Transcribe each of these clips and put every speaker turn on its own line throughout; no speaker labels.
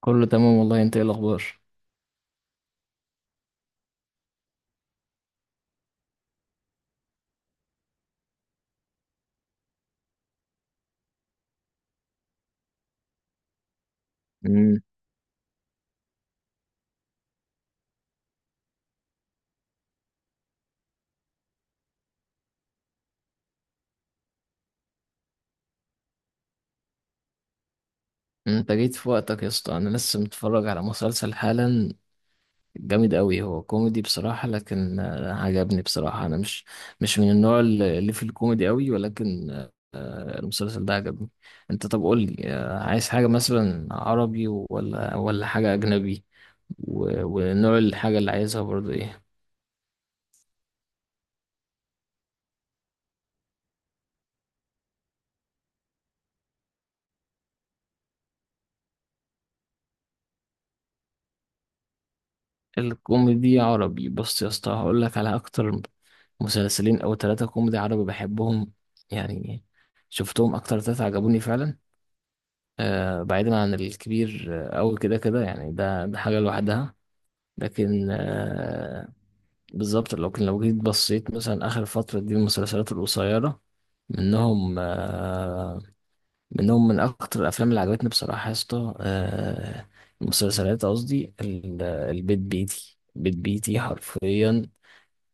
كله تمام والله، انت ايه الاخبار؟ امم انت جيت في وقتك يا اسطى، انا لسه متفرج على مسلسل حالا. جامد قوي، هو كوميدي بصراحة، لكن عجبني بصراحة. انا مش من النوع اللي في الكوميدي قوي، ولكن المسلسل ده عجبني. انت طب قول لي، عايز حاجة مثلا عربي ولا حاجة اجنبي، ونوع الحاجة اللي عايزها برضو ايه؟ الكوميدي عربي، بص يا اسطى، هقول لك على اكتر مسلسلين او ثلاثة كوميدي عربي بحبهم. يعني شفتهم اكتر ثلاثة عجبوني فعلا. بعيدا عن الكبير أوي كده كده، يعني ده حاجة لوحدها، لكن بالظبط، لو جيت بصيت مثلا آخر فترة دي، المسلسلات القصيرة منهم من أكتر الأفلام اللي عجبتني بصراحة يا اسطى. المسلسلات قصدي البيت بيتي، بيت بيتي حرفيا،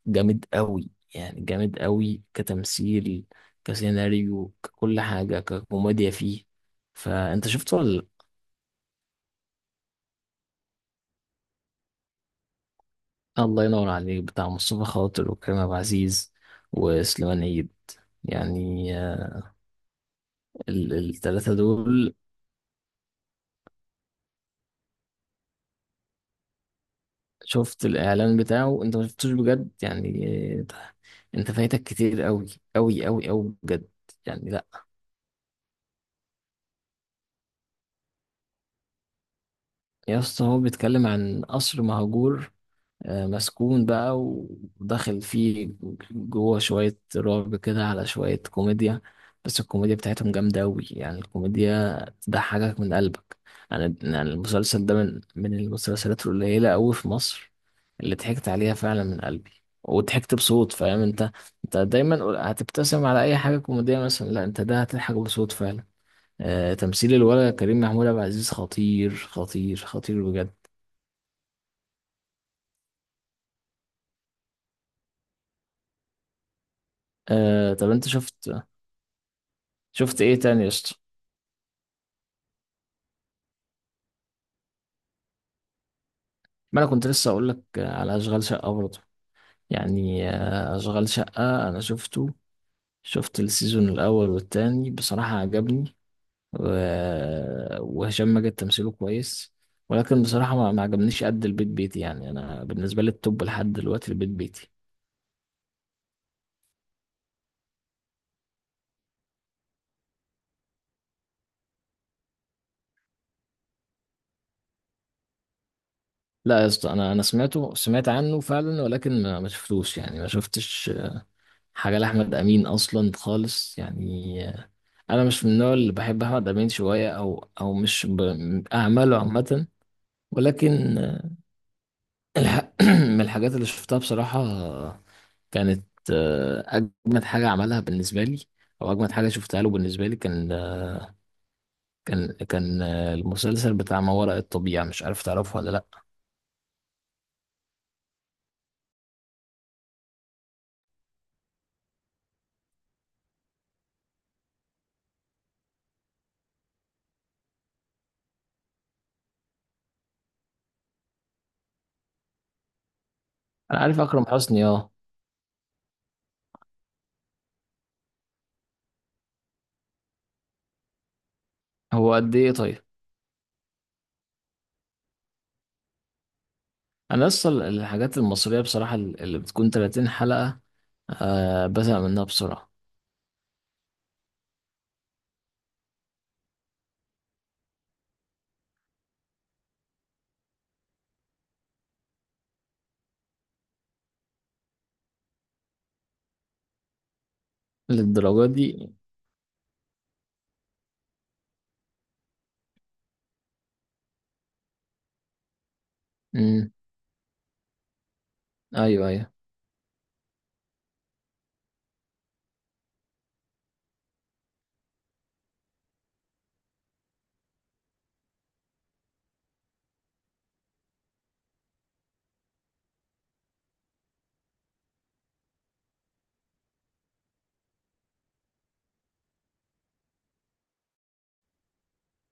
جامد قوي، يعني جامد قوي كتمثيل كسيناريو ككل حاجة ككوميديا فيه. فأنت شفت ولا لأ؟ الله ينور عليك، بتاع مصطفى خاطر وكريم عبد العزيز وسليمان عيد، يعني التلاتة دول. شفت الإعلان بتاعه؟ أنت ما شفتوش بجد يعني آه، أنت فايتك كتير، قوي قوي قوي قوي بجد، يعني لأ. يا اسطى، هو بيتكلم عن قصر مهجور، مسكون بقى وداخل فيه جوه شوية رعب كده على شوية كوميديا. بس الكوميديا بتاعتهم جامدة أوي، يعني الكوميديا تضحكك من قلبك. يعني المسلسل ده من المسلسلات القليلة أوي في مصر، اللي ضحكت عليها فعلا من قلبي، وضحكت بصوت. فاهم انت دايما هتبتسم على أي حاجة كوميدية مثلا، لا انت ده هتضحك بصوت فعلا. تمثيل الولد كريم محمود عبد العزيز خطير خطير خطير بجد. طب انت شفت ايه تاني يا اسطى؟ ما انا كنت لسه اقول لك على اشغال شقه برضه، يعني اشغال شقه انا شفت السيزون الاول والتاني، بصراحه عجبني. وهشام ماجد تمثيله كويس، ولكن بصراحه ما عجبنيش قد البيت بيتي. يعني انا بالنسبه لي التوب لحد دلوقتي البيت بيتي. لا يا اسطى، انا سمعت عنه فعلا، ولكن ما شفتوش، يعني ما شفتش حاجه لاحمد امين اصلا خالص يعني. انا مش من النوع اللي بحب احمد امين شويه، او مش اعماله عامه، ولكن الح... من الحاجات اللي شفتها بصراحه، كانت اجمد حاجه عملها بالنسبه لي، او اجمد حاجه شفتها له بالنسبه لي، كان آه، كان كان آه، المسلسل بتاع ما وراء الطبيعه. مش عارف تعرفه ولا لا؟ انا عارف اكرم حسني، اه. هو قد ايه طيب؟ انا اصل الحاجات المصريه بصراحه اللي بتكون 30 حلقه، بزهق منها بسرعه. للدرجه دي؟ امم. ايوه، ايوه،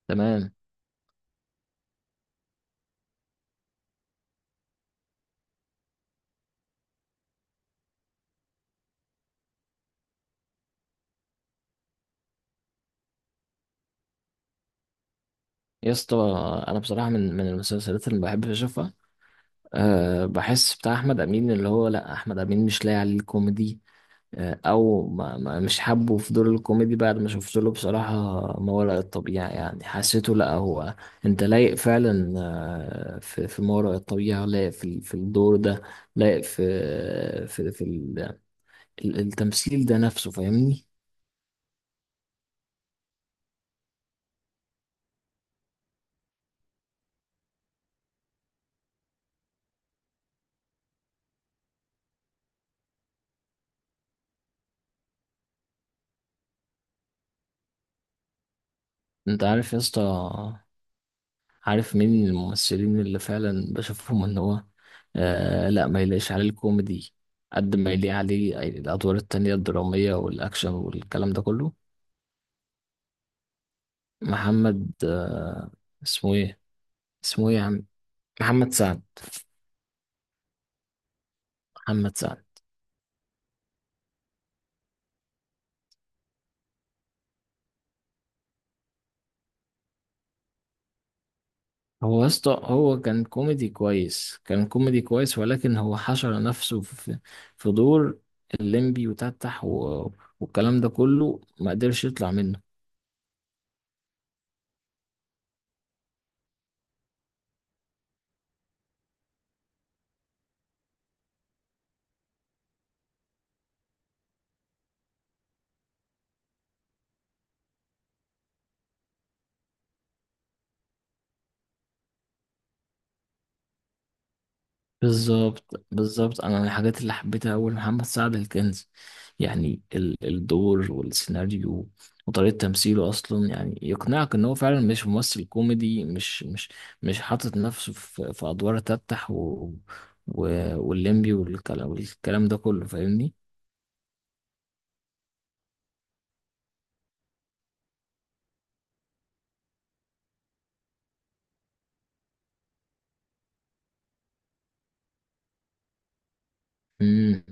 تمام. يا اسطى، انا بصراحه من المسلسلات اللي بحب اشوفها. بحس بتاع احمد امين اللي هو، لا، احمد امين مش لاقي عليه الكوميدي. او ما ما مش حابه في دور الكوميدي بعد ما شفت له بصراحه ما وراء الطبيعه. يعني حسيته، لا هو. انت لايق فعلا، في ما وراء الطبيعه، لايق في الدور ده، لايق في التمثيل ده نفسه، فاهمني؟ انت عارف يا اسطى، عارف مين من الممثلين اللي فعلا بشوفهم ان هو، لا ما يلاقيش عليه الكوميدي قد ما يليق عليه الادوار التانية الدرامية والاكشن والكلام ده كله. محمد، اسمه ايه، اسمه ايه يا عم؟ محمد سعد. محمد سعد. هو يا اسطى، هو كان كوميدي كويس، كان كوميدي كويس، ولكن هو حشر نفسه في في دور الليمبي وتتح والكلام ده كله، ما قدرش يطلع منه. بالظبط بالظبط، انا الحاجات اللي حبيتها اول محمد سعد الكنز. يعني الدور والسيناريو وطريقة تمثيله اصلا، يعني يقنعك ان هو فعلا مش ممثل كوميدي، مش حاطط نفسه في ادوار تفتح والليمبي والكلام ده كله، فاهمني؟ امم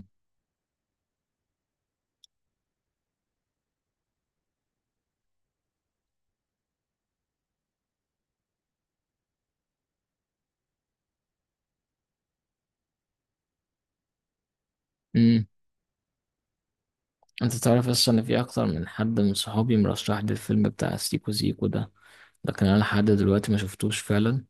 امم انت تعرف اصلا ان في اكتر من حد من صحابي مرشح لي الفيلم بتاع سيكو سيكو ده، لكن انا لحد دلوقتي ما شفتوش فعلا.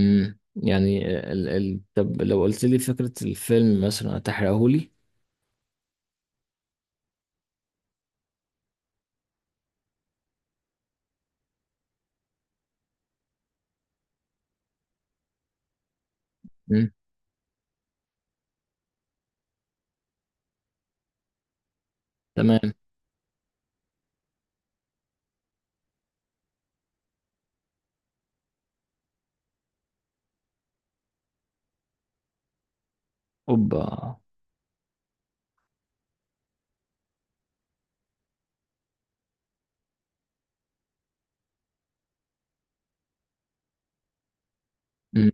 يعني طب لو قلت لي فكرة الفيلم مثلا هتحرقهولي؟ امم، تمام. اوبا. امم،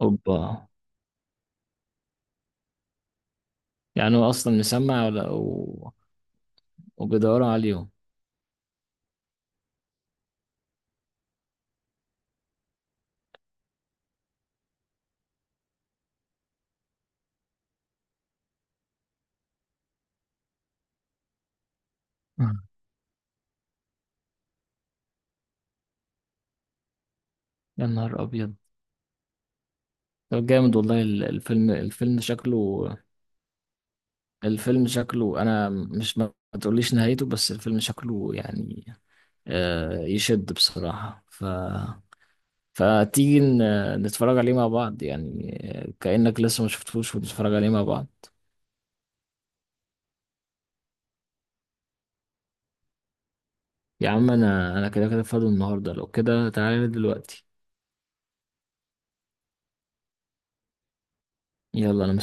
اوبا. يعني هو اصلا مسمع ولا وبيدوروا عليهم. آه. يا نهار ابيض. طب جامد والله، الفيلم شكله، الفيلم شكله، انا مش ما تقوليش نهايته، بس الفيلم شكله يعني، يشد بصراحة، فتيجي نتفرج عليه مع بعض، يعني كأنك لسه ما شفتوش، ونتفرج عليه مع بعض. يا عم، انا كده كده فاضي النهارده، لو كده تعالى دلوقتي. يلا، انا.